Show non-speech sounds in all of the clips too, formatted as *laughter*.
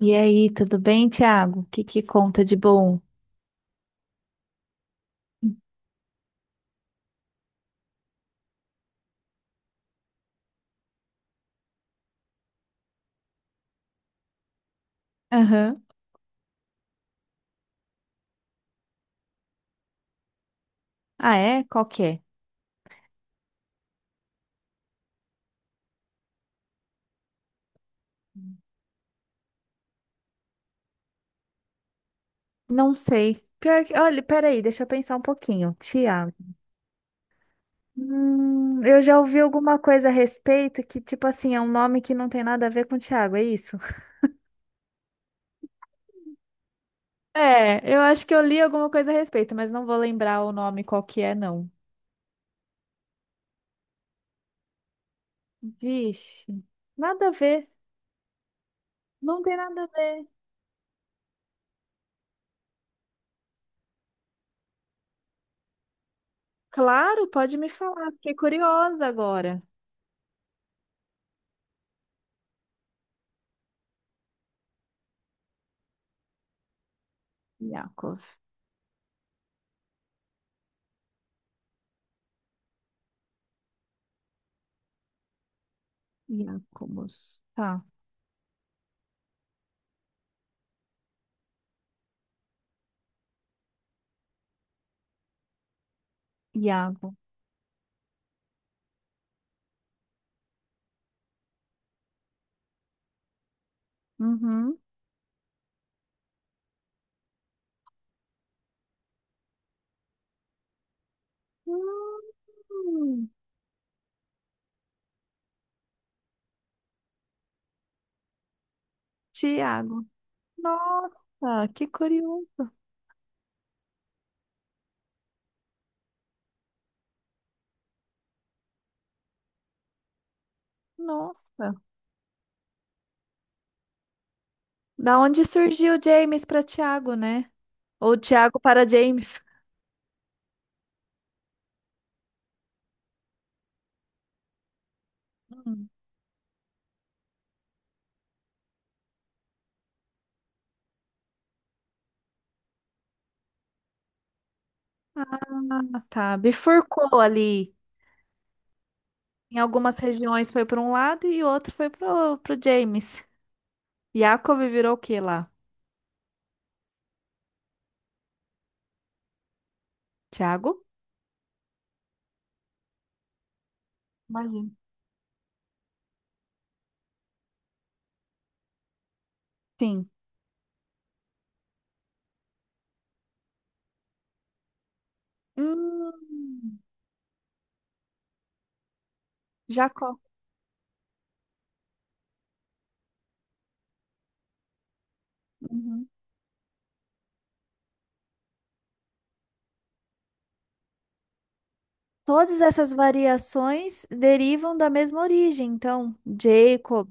E aí, tudo bem, Thiago? O que que conta de bom? Aham. Ah, é? Qual que é? Não sei. Pior que, olha, peraí, deixa eu pensar um pouquinho. Thiago. Eu já ouvi alguma coisa a respeito que, tipo assim, é um nome que não tem nada a ver com Thiago, é isso? É, eu acho que eu li alguma coisa a respeito, mas não vou lembrar o nome qual que é, não. Vixe, nada a ver. Não tem nada a ver. Claro, pode me falar, fiquei curiosa agora. Yakov. Iacomos. Tá, Iago. Uhum. Hum, Tiago. Nossa, que curioso. Nossa. Da onde surgiu James para Tiago, né? Ou Tiago para James? Hum. Ah, tá. Bifurcou ali. Em algumas regiões foi para um lado e outro foi pro James. Jacob virou o quê lá? Tiago? Imagino. Sim. Hum, Jacó. Uhum. Todas essas variações derivam da mesma origem, então, Jacob,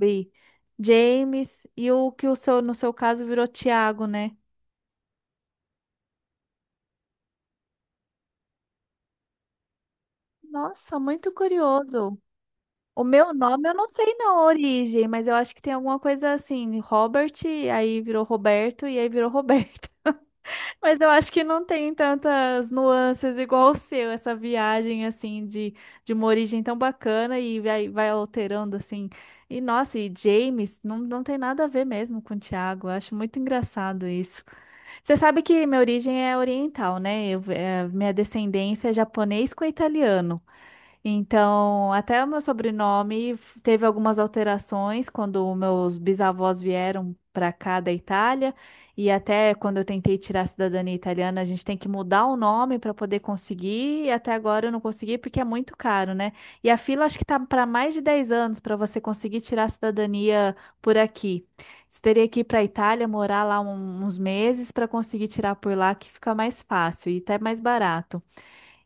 James e o que o seu, no seu caso virou Tiago, né? Nossa, muito curioso. O meu nome eu não sei não a origem, mas eu acho que tem alguma coisa assim, Robert, aí virou Roberto e aí virou Roberto. Mas eu acho que não tem tantas nuances igual o seu, essa viagem assim de uma origem tão bacana e vai alterando assim. E nossa, e James não, não tem nada a ver mesmo com o Thiago. Eu acho muito engraçado isso. Você sabe que minha origem é oriental, né? Minha descendência é japonês com italiano. Então, até o meu sobrenome teve algumas alterações quando meus bisavós vieram para cá da Itália, e até quando eu tentei tirar a cidadania italiana, a gente tem que mudar o nome para poder conseguir, e até agora eu não consegui porque é muito caro, né? E a fila acho que tá para mais de 10 anos para você conseguir tirar a cidadania por aqui. Você teria que ir para a Itália, morar lá uns meses para conseguir tirar por lá, que fica mais fácil e até mais barato.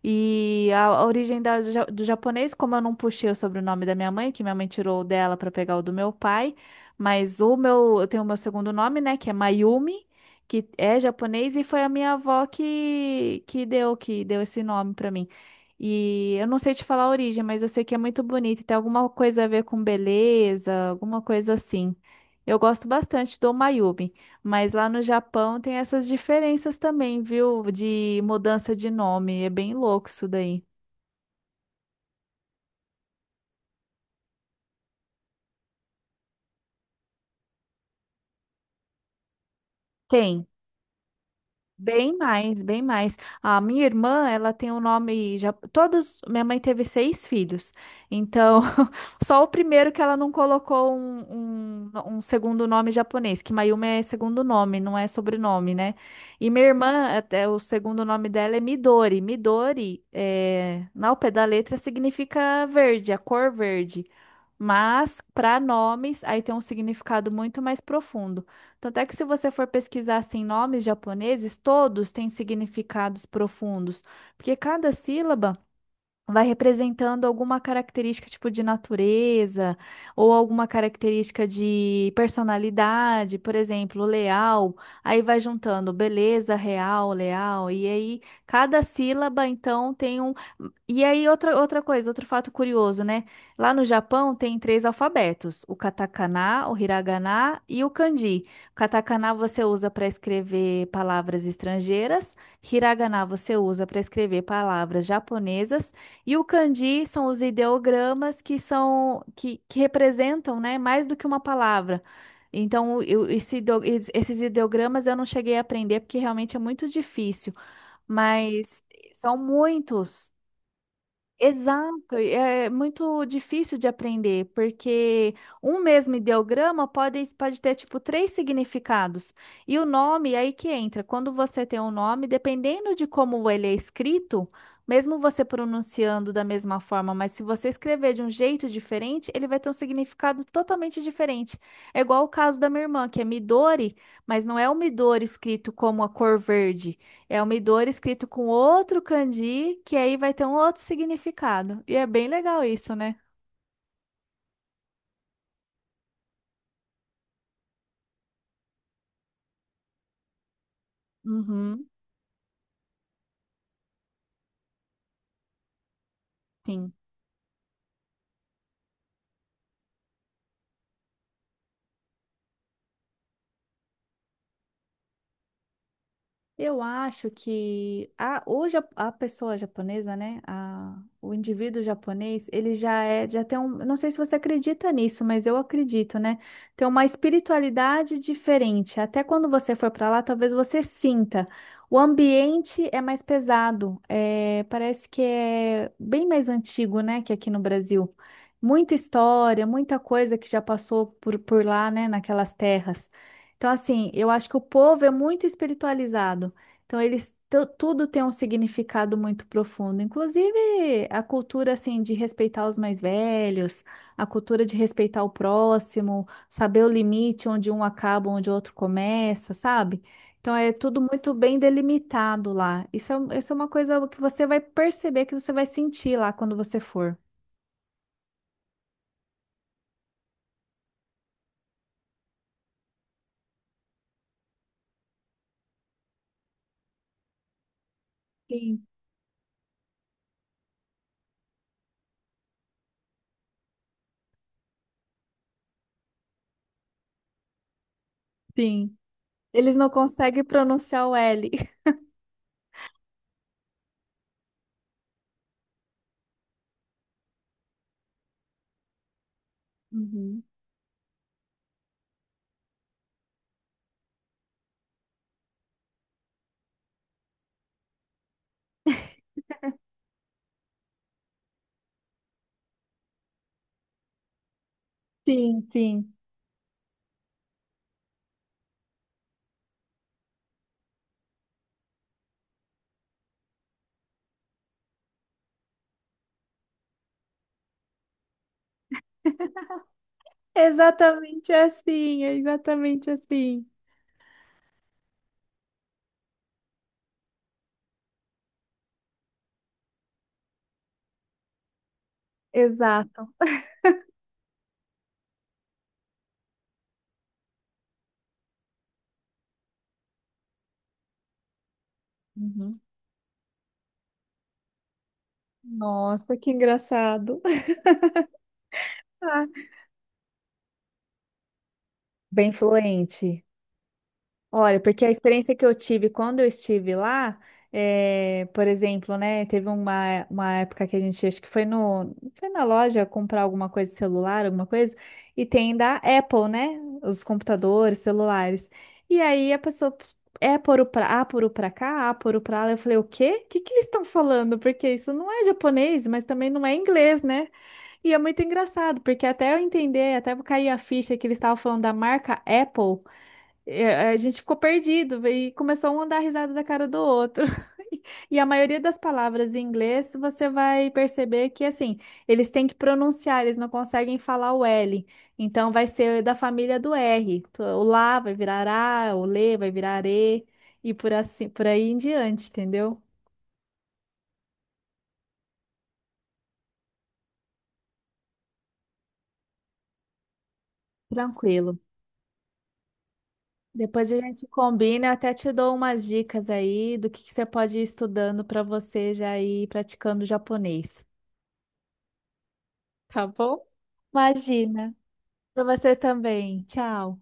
E a origem do japonês, como eu não puxei o sobrenome da minha mãe, que minha mãe tirou o dela para pegar o do meu pai, mas o meu, eu tenho o meu segundo nome, né, que é Mayumi, que é japonês e foi a minha avó que deu esse nome para mim. E eu não sei te falar a origem, mas eu sei que é muito bonito, e tem alguma coisa a ver com beleza, alguma coisa assim. Eu gosto bastante do Mayumi. Mas lá no Japão tem essas diferenças também, viu? De mudança de nome. É bem louco isso daí. Tem. Bem mais, bem mais. A minha irmã, ela tem o nome já todos, minha mãe teve seis filhos. Então, *laughs* só o primeiro que ela não colocou um segundo nome japonês, que Mayumi é segundo nome, não é sobrenome, né? E minha irmã, até o segundo nome dela é Midori. Midori, ao pé da letra, significa verde, a cor verde. Mas para nomes, aí tem um significado muito mais profundo. Tanto é que se você for pesquisar assim, nomes japoneses, todos têm significados profundos, porque cada sílaba vai representando alguma característica tipo de natureza ou alguma característica de personalidade, por exemplo, leal, aí vai juntando beleza, real, leal, e aí cada sílaba então tem um e aí, outra coisa, outro fato curioso, né? Lá no Japão tem três alfabetos: o katakana, o hiragana e o kanji. O katakana você usa para escrever palavras estrangeiras, hiragana você usa para escrever palavras japonesas, e o kanji são os ideogramas que são que representam, né, mais do que uma palavra. Então, esses ideogramas eu não cheguei a aprender porque realmente é muito difícil, mas são muitos. Muito, e é muito difícil de aprender, porque um mesmo ideograma pode ter, tipo, três significados. E o nome, é aí que entra. Quando você tem um nome, dependendo de como ele é escrito, mesmo você pronunciando da mesma forma, mas se você escrever de um jeito diferente, ele vai ter um significado totalmente diferente. É igual o caso da minha irmã, que é Midori, mas não é o Midori escrito como a cor verde. É um Midori escrito com outro kanji, que aí vai ter um outro significado. E é bem legal isso, né? Uhum, sim. Eu acho que hoje a pessoa japonesa, né? O indivíduo japonês, ele já tem um. Eu não sei se você acredita nisso, mas eu acredito, né? Tem uma espiritualidade diferente. Até quando você for para lá, talvez você sinta. O ambiente é mais pesado. É, parece que é bem mais antigo, né? Que aqui no Brasil. Muita história, muita coisa que já passou por lá, né? Naquelas terras. Então, assim, eu acho que o povo é muito espiritualizado. Então, eles tudo tem um significado muito profundo. Inclusive, a cultura, assim, de respeitar os mais velhos, a cultura de respeitar o próximo, saber o limite onde um acaba, onde o outro começa, sabe? Então, é tudo muito bem delimitado lá. Isso é uma coisa que você vai perceber, que você vai sentir lá quando você for. Sim, sim. Eles não conseguem pronunciar o L. *laughs* Uhum. Sim, sim. Exatamente assim, é exatamente assim. Exato. Uhum. Nossa, que engraçado. *laughs* Ah, bem fluente. Olha, porque a experiência que eu tive quando eu estive lá, por exemplo, né, teve uma época que a gente, acho que foi no, foi na loja comprar alguma coisa, celular, alguma coisa, e tem da Apple, né, os computadores, celulares. E aí a pessoa, é por o pra, a por o pra cá, ah, por o pra lá. Eu falei, o quê? O que que eles estão falando? Porque isso não é japonês, mas também não é inglês, né? E é muito engraçado, porque até eu entender, até eu cair a ficha que eles estavam falando da marca Apple, e a gente ficou perdido e começou um a dar risada da cara do outro. *laughs* E a maioria das palavras em inglês, você vai perceber que, assim, eles têm que pronunciar, eles não conseguem falar o L. Então, vai ser da família do R. O lá vai virar A, o lê vai virar E, e por aí em diante, entendeu? Tranquilo. Depois a gente combina, eu até te dou umas dicas aí do que você pode ir estudando para você já ir praticando japonês, tá bom? Imagina. Para você também. Tchau.